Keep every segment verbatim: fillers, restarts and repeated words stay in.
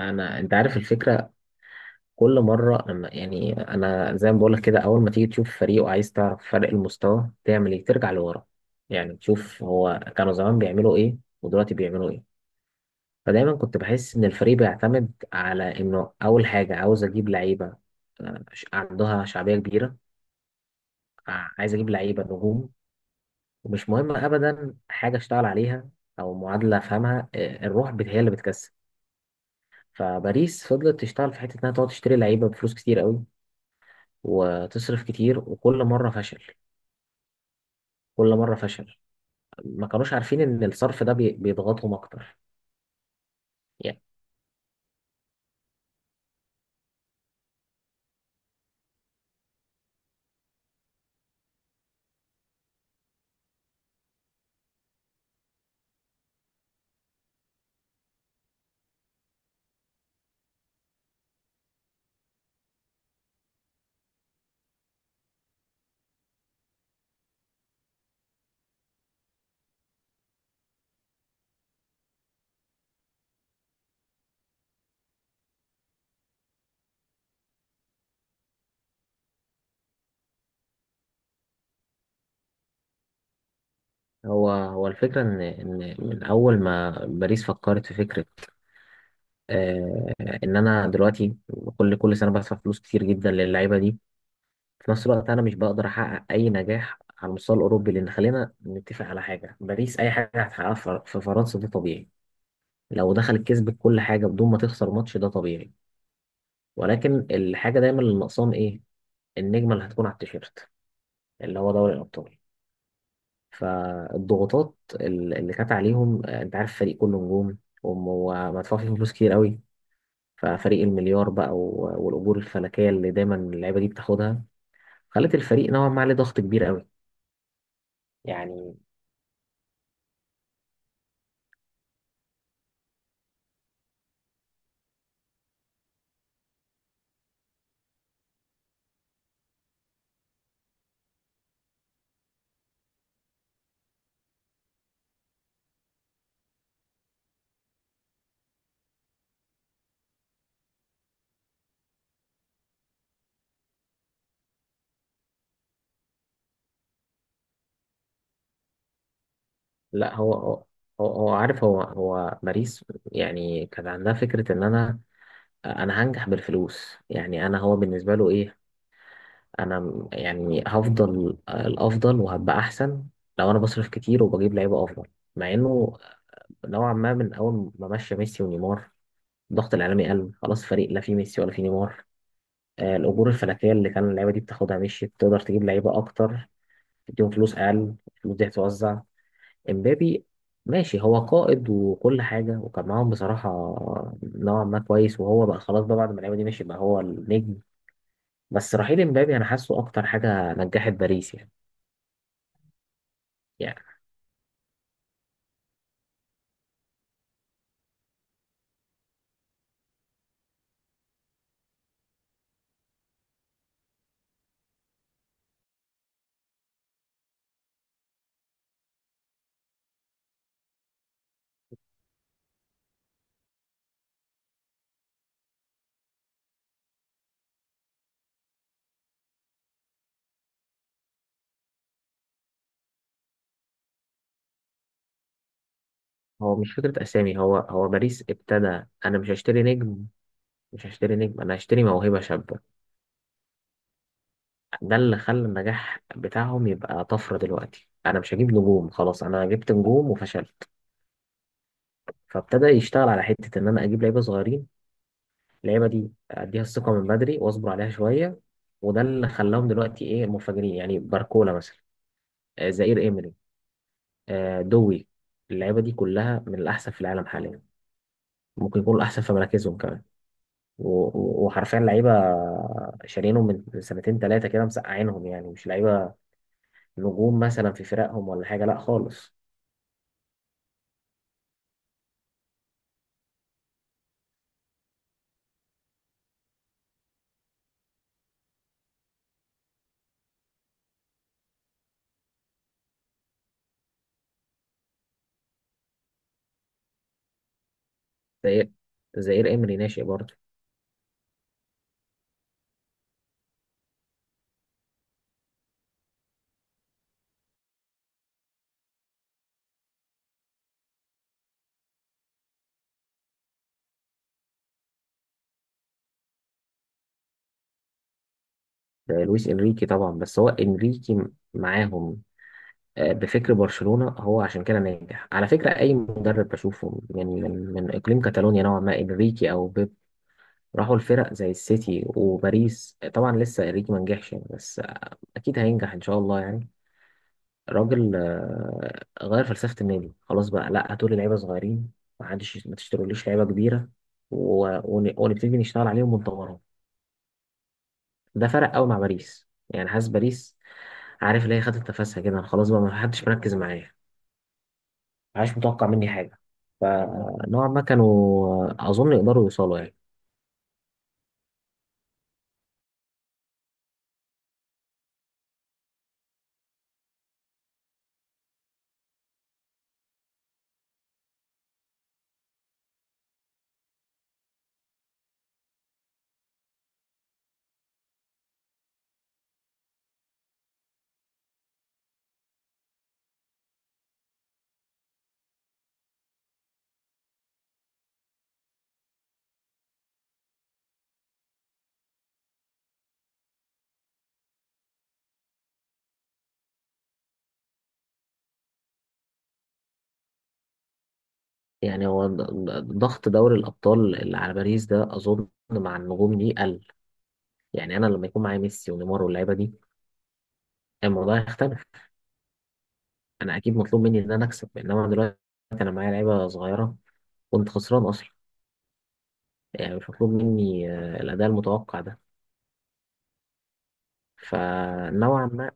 انا انت عارف الفكره. كل مره لما يعني انا زي ما بقول لك كده، اول ما تيجي تشوف فريق وعايز تعرف فرق المستوى تعمل ايه؟ ترجع لورا، يعني تشوف هو كانوا زمان بيعملوا ايه ودلوقتي بيعملوا ايه. فدايما كنت بحس ان الفريق بيعتمد على انه اول حاجه عاوز اجيب لعيبه آه، ش- عندها شعبيه كبيره، ع- عايز اجيب لعيبه نجوم، ومش مهم ابدا حاجه اشتغل عليها او معادله افهمها. آه، الروح بت- هي اللي بتكسب. فباريس فضلت تشتغل في حته انها تقعد تشتري لعيبه بفلوس كتير قوي وتصرف كتير، وكل مرة فشل، كل مرة فشل. ما كانوش عارفين إن الصرف ده بي- بيضغطهم أكتر. يعني هو هو الفكرة إن إن من أول ما باريس فكرت في فكرة، آه إن أنا دلوقتي كل كل سنة بدفع فلوس كتير جدا للعيبة دي، في نفس الوقت أنا مش بقدر أحقق أي نجاح على المستوى الأوروبي. لأن خلينا نتفق على حاجة، باريس أي حاجة هتحققها في في فرنسا ده طبيعي. لو دخلت كسبت كل حاجة بدون ما تخسر ماتش ده طبيعي. ولكن الحاجة دايما اللي ناقصاهم إيه؟ النجمه اللي هتكون على التيشيرت، اللي هو دوري الابطال. فالضغوطات ال- اللي كانت عليهم، آه، انت عارف فريق كله نجوم وم- ومدفوع فيه فلوس كتير قوي، ففريق المليار بقى و- والاجور الفلكيه اللي دايما اللعيبه دي بتاخدها خلت الفريق نوعا ما عليه ضغط كبير قوي. يعني لا، هو هو هو هو عارف، هو هو باريس يعني كان عندها فكره ان انا انا هنجح بالفلوس. يعني انا هو بالنسبه له ايه، انا م- يعني هفضل آه، الافضل وهبقى احسن لو انا بصرف كتير وبجيب لعيبه افضل. مع انه نوعا ما من اول ما مشى ميسي ونيمار الضغط الاعلامي قل، خلاص فريق لا فيه ميسي ولا فيه نيمار. آه، الاجور الفلكيه اللي كان اللعيبه دي بتاخدها مشيت، تقدر تجيب لعيبه اكتر، تديهم فلوس اقل، الفلوس دي هتتوزع. امبابي ماشي هو قائد وكل حاجه وكان معاهم بصراحه نوعا ما كويس، وهو بقى خلاص بقى بعد ما اللعيبه دي مشيت بقى هو النجم. بس رحيل امبابي انا حاسه اكتر حاجه نجحت باريس يعني. يعني هو مش فكرة أسامي، هو هو باريس ابتدى: أنا مش هشتري نجم، مش هشتري نجم، أنا هشتري موهبة شابة. ده اللي خلى النجاح بتاعهم يبقى طفرة. دلوقتي أنا مش هجيب نجوم، خلاص أنا جبت نجوم وفشلت. فابتدى يشتغل على حتة إن أنا أجيب لعيبة صغيرين، اللعيبة دي أديها الثقة من بدري وأصبر عليها شوية. وده اللي خلاهم دلوقتي إيه منفجرين، يعني باركولا مثلا، آه، زائير إيمري، آه، دوي. اللعيبة دي كلها من الأحسن في العالم حاليا، ممكن يكونوا الأحسن في مراكزهم كمان. و- و- وحرفيا لعيبه شارينهم من سنتين ثلاثه كده، مسقعينهم، يعني مش لعيبه نجوم مثلا في فرقهم ولا حاجه، لا خالص. زي زائير امري ناشئ برضه. ده لويس انريكي طبعا، بس هو انريكي معاهم. آه، بفكر برشلونه هو عشان كده ناجح، على فكره اي مدرب بشوفه من من من اقليم كاتالونيا نوعا ما، انريكي او بيب، راحوا الفرق زي السيتي وباريس. طبعا لسه انريكي ما نجحش يعني، بس آه، اكيد هينجح ان شاء الله يعني. راجل آه، غير فلسفة النادي. خلاص بقى لا، هاتوا لي لعيبة صغيرين، ما عادش ما تشتروليش لعيبة كبيرة و- ون- ونبتدي نشتغل عليهم ونطورهم. ده فرق قوي مع باريس، يعني حاسس باريس عارف اللي هي خدت نفسها كده خلاص بقى ما حدش مركز معايا، ما حدش متوقع مني حاجة. فنوعا ما كانوا، آه، أظن يقدروا يوصلوا يعني. يعني هو د- د- ضغط دوري الأبطال اللي على باريس ده أظن مع النجوم دي قل. يعني أنا لما يكون معايا ميسي ونيمار واللعيبة دي الموضوع يختلف، انا اكيد مطلوب مني ان انا اكسب، انما دلوقتي انا معايا لعيبه صغيره، كنت خسران اصلا، يعني مش مطلوب مني آه، الاداء المتوقع ده. فنوعا ما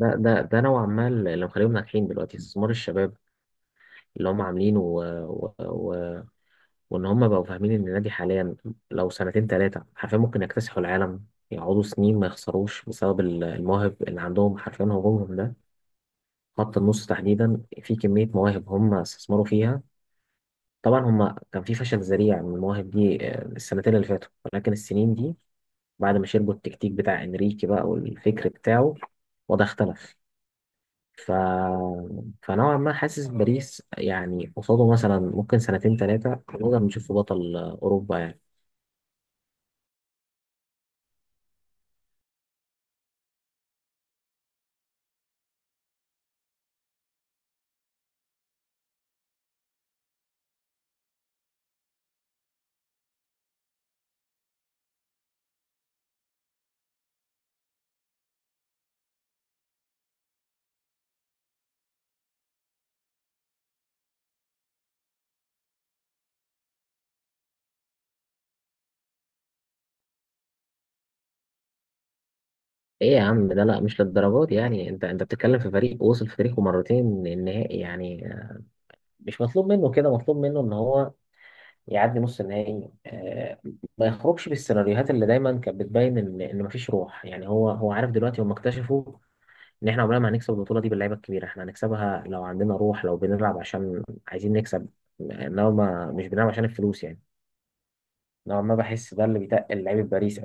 ده ده ده نوعا ما اللي مخليهم ناجحين دلوقتي استثمار الشباب اللي هم عاملينه، و... و... و... وان هم بقوا فاهمين ان النادي حاليا لو سنتين ثلاثه حرفيا ممكن يكتسحوا العالم، يقعدوا سنين ما يخسروش بسبب ال- المواهب اللي عندهم. حرفيا هجومهم ده، خط النص تحديدا، في كميه مواهب هم استثمروا فيها. طبعا هما كان في فشل ذريع من المواهب دي آه، السنتين اللي فاتوا، ولكن السنين دي بعد ما شربوا التكتيك بتاع انريكي بقى والفكر بتاعه وده اختلف. ف... فنوعا ما حاسس باريس يعني قصاده مثلا ممكن سنتين ثلاثة نقدر نشوفه بطل آه، أوروبا يعني. ايه يا عم، ده لا مش للدرجات دي يعني، انت انت بتتكلم في فريق وصل في تاريخه مرتين النهائي يعني. آه، مش مطلوب منه كده، مطلوب منه ان هو يعدي نص النهائي. آه، ما يخرجش بالسيناريوهات اللي دايما كانت بتبين ان ان مفيش روح. يعني هو هو عارف دلوقتي هم اكتشفوا ان احنا عمرنا ما هنكسب البطوله دي باللعيبه الكبيره، احنا هنكسبها لو عندنا روح، لو بنلعب عشان عايزين نكسب، انما ما- مش بنلعب عشان الفلوس يعني. نوعا ما بحس ده اللي بيتقل لعيبه باريس